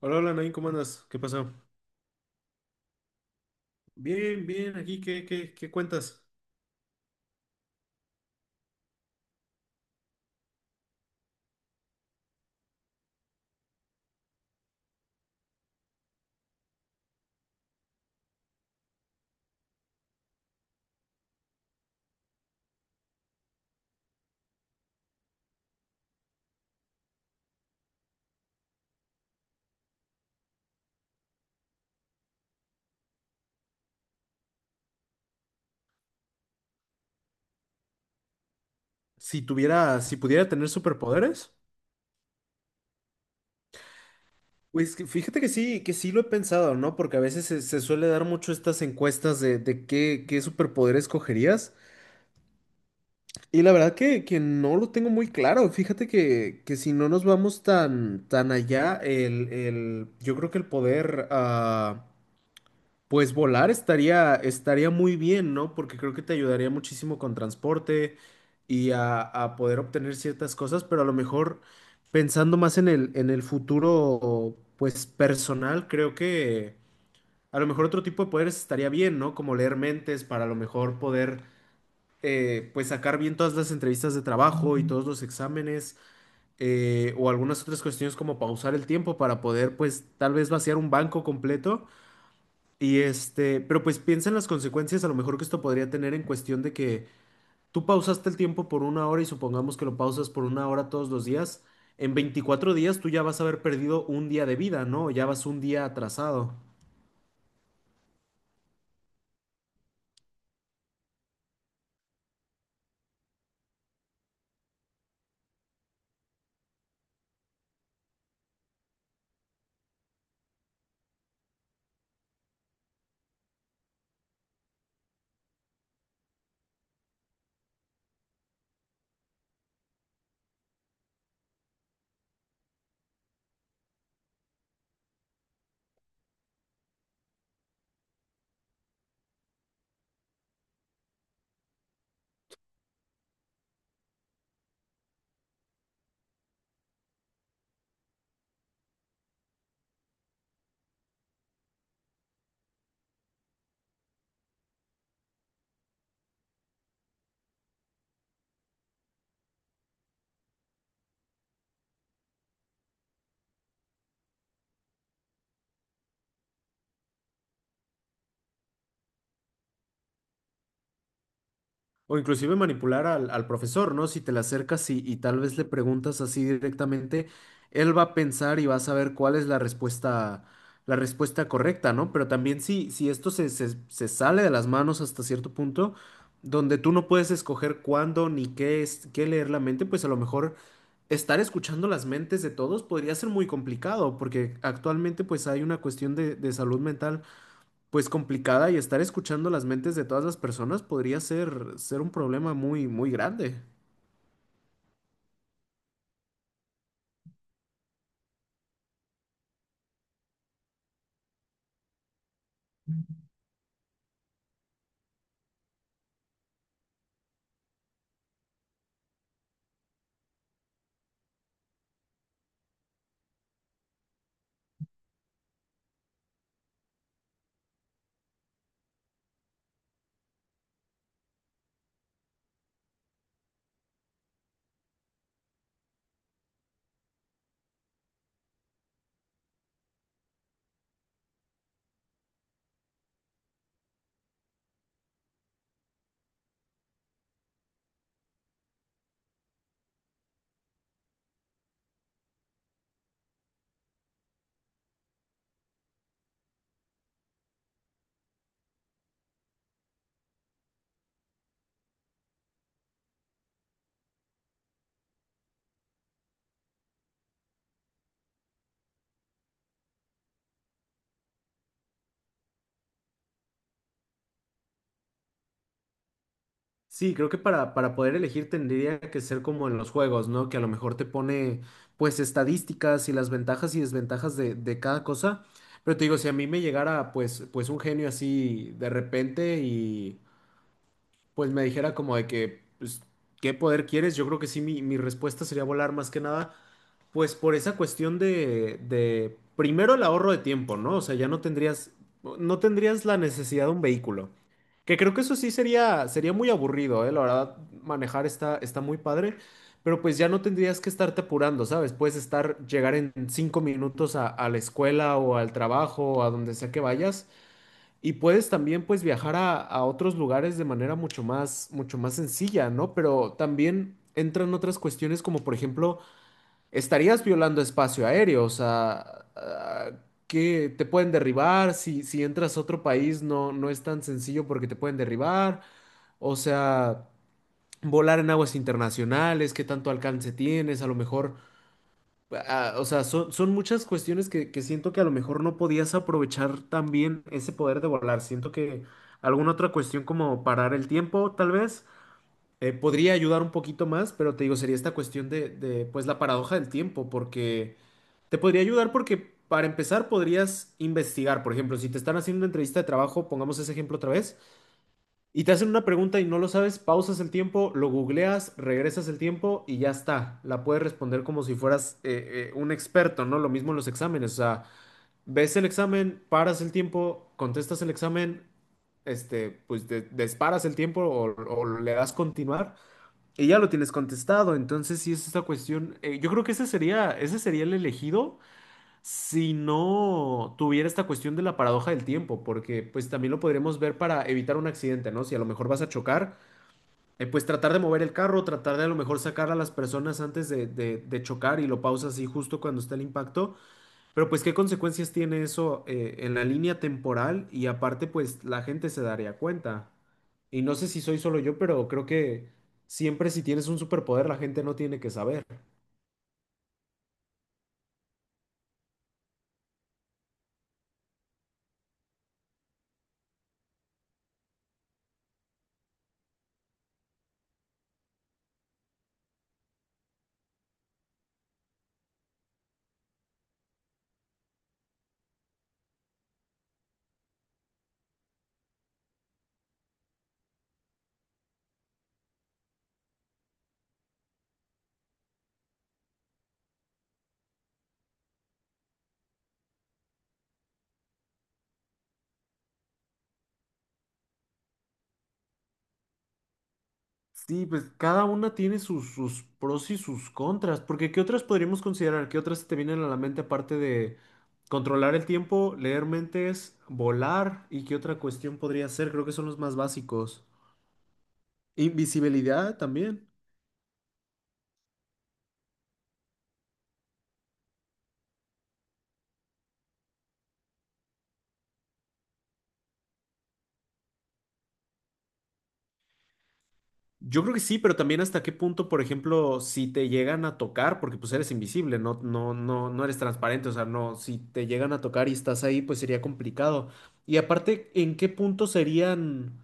Hola, hola, Nain, ¿cómo andas? ¿Qué pasó? Bien, bien, aquí, ¿qué cuentas? Si tuviera, si pudiera tener superpoderes. Pues que fíjate que sí lo he pensado, ¿no? Porque a veces se suele dar mucho estas encuestas de qué superpoder escogerías. Y la verdad que no lo tengo muy claro. Fíjate que si no nos vamos tan allá, yo creo que el poder. Pues volar estaría muy bien, ¿no? Porque creo que te ayudaría muchísimo con transporte y a poder obtener ciertas cosas, pero a lo mejor pensando más en el futuro, pues personal, creo que a lo mejor otro tipo de poderes estaría bien, ¿no? Como leer mentes para a lo mejor pues sacar bien todas las entrevistas de trabajo y todos los exámenes, o algunas otras cuestiones como pausar el tiempo para poder, pues tal vez vaciar un banco completo y pero pues piensa en las consecuencias a lo mejor que esto podría tener en cuestión de que tú pausaste el tiempo por una hora y supongamos que lo pausas por una hora todos los días, en 24 días tú ya vas a haber perdido un día de vida, ¿no? Ya vas un día atrasado. O inclusive manipular al profesor, ¿no? Si te le acercas y tal vez le preguntas así directamente, él va a pensar y va a saber cuál es la respuesta correcta, ¿no? Pero también si esto se sale de las manos hasta cierto punto, donde tú no puedes escoger cuándo ni qué es, qué leer la mente, pues a lo mejor estar escuchando las mentes de todos podría ser muy complicado, porque actualmente pues hay una cuestión de salud mental pues complicada y estar escuchando las mentes de todas las personas podría ser un problema muy, muy grande. Sí, creo que para poder elegir tendría que ser como en los juegos, ¿no? Que a lo mejor te pone pues estadísticas y las ventajas y desventajas de cada cosa. Pero te digo, si a mí me llegara pues, pues un genio así de repente y pues me dijera como de que, pues, ¿qué poder quieres? Yo creo que sí, mi respuesta sería volar más que nada. Pues por esa cuestión de, primero el ahorro de tiempo, ¿no? O sea, ya no tendrías, no tendrías la necesidad de un vehículo. Que creo que eso sí sería, sería muy aburrido, ¿eh? La verdad, manejar está muy padre, pero pues ya no tendrías que estarte apurando, ¿sabes? Puedes estar, llegar en 5 minutos a la escuela o al trabajo o a donde sea que vayas y puedes también pues viajar a otros lugares de manera mucho más sencilla, ¿no? Pero también entran otras cuestiones como por ejemplo estarías violando espacio aéreo, o sea, que te pueden derribar, si entras a otro país no, no es tan sencillo porque te pueden derribar, o sea, volar en aguas internacionales, qué tanto alcance tienes, a lo mejor, o sea, son muchas cuestiones que siento que a lo mejor no podías aprovechar también ese poder de volar, siento que alguna otra cuestión como parar el tiempo, tal vez. Podría ayudar un poquito más, pero te digo, sería esta cuestión de, pues, la paradoja del tiempo, porque te podría ayudar porque para empezar podrías investigar, por ejemplo, si te están haciendo una entrevista de trabajo, pongamos ese ejemplo otra vez, y te hacen una pregunta y no lo sabes, pausas el tiempo, lo googleas, regresas el tiempo y ya está. La puedes responder como si fueras un experto, ¿no? Lo mismo en los exámenes, o sea, ves el examen, paras el tiempo, contestas el examen, disparas el tiempo o le das continuar y ya lo tienes contestado. Entonces, si es esta cuestión, yo creo que ese sería el elegido si no tuviera esta cuestión de la paradoja del tiempo, porque pues también lo podríamos ver para evitar un accidente, ¿no? Si a lo mejor vas a chocar, pues tratar de mover el carro, tratar de a lo mejor sacar a las personas antes de, de chocar y lo pausas así justo cuando está el impacto, pero pues qué consecuencias tiene eso en la línea temporal y aparte pues la gente se daría cuenta. Y no sé si soy solo yo, pero creo que siempre si tienes un superpoder la gente no tiene que saber. Sí, pues cada una tiene sus pros y sus contras, porque ¿qué otras podríamos considerar? ¿Qué otras se te vienen a la mente aparte de controlar el tiempo, leer mentes, volar? ¿Y qué otra cuestión podría ser? Creo que son los más básicos. Invisibilidad también. Yo creo que sí, pero también hasta qué punto, por ejemplo, si te llegan a tocar, porque pues eres invisible, no, no, no, no eres transparente, o sea, no, si te llegan a tocar y estás ahí, pues sería complicado. Y aparte, ¿en qué punto serían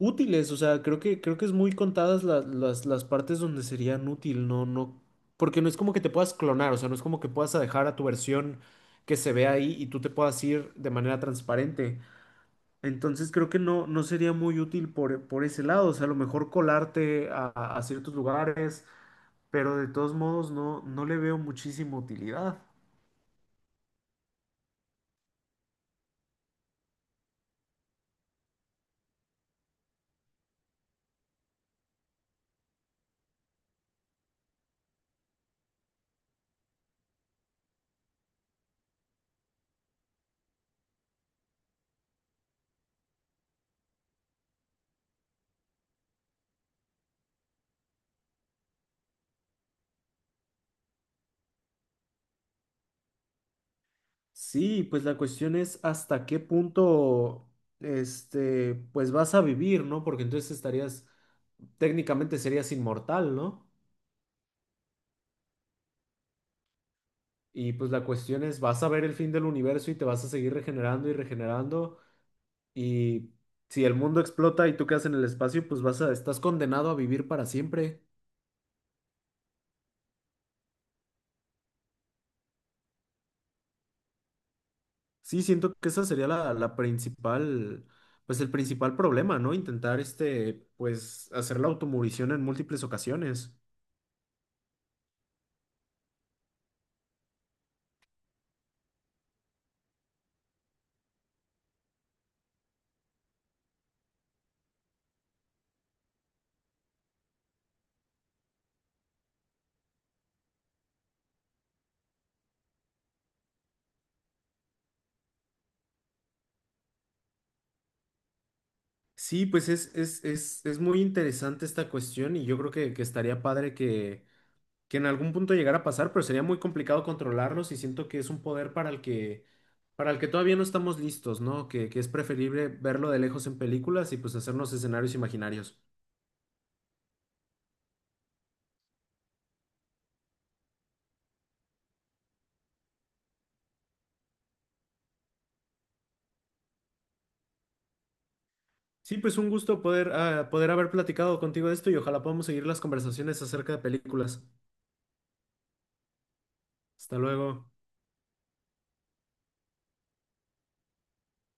útiles? O sea, creo que es muy contadas las partes donde serían útil, no, no, porque no es como que te puedas clonar, o sea, no es como que puedas dejar a tu versión que se ve ahí y tú te puedas ir de manera transparente. Entonces creo que no, no sería muy útil por ese lado, o sea, a lo mejor colarte a ciertos lugares, pero de todos modos no, no le veo muchísima utilidad. Sí, pues la cuestión es hasta qué punto, pues vas a vivir, ¿no? Porque entonces estarías, técnicamente serías inmortal, ¿no? Y pues la cuestión es, vas a ver el fin del universo y te vas a seguir regenerando y regenerando. Y si el mundo explota y tú quedas en el espacio, pues vas a, estás condenado a vivir para siempre. Sí, siento que esa sería la principal, pues el principal problema, ¿no? Intentar, pues hacer la automurición en múltiples ocasiones. Sí, pues es muy interesante esta cuestión y yo creo que estaría padre que en algún punto llegara a pasar, pero sería muy complicado controlarlos y siento que es un poder para para el que todavía no estamos listos, ¿no? Que es preferible verlo de lejos en películas y pues hacernos escenarios imaginarios. Sí, pues un gusto poder, poder haber platicado contigo de esto y ojalá podamos seguir las conversaciones acerca de películas. Hasta luego.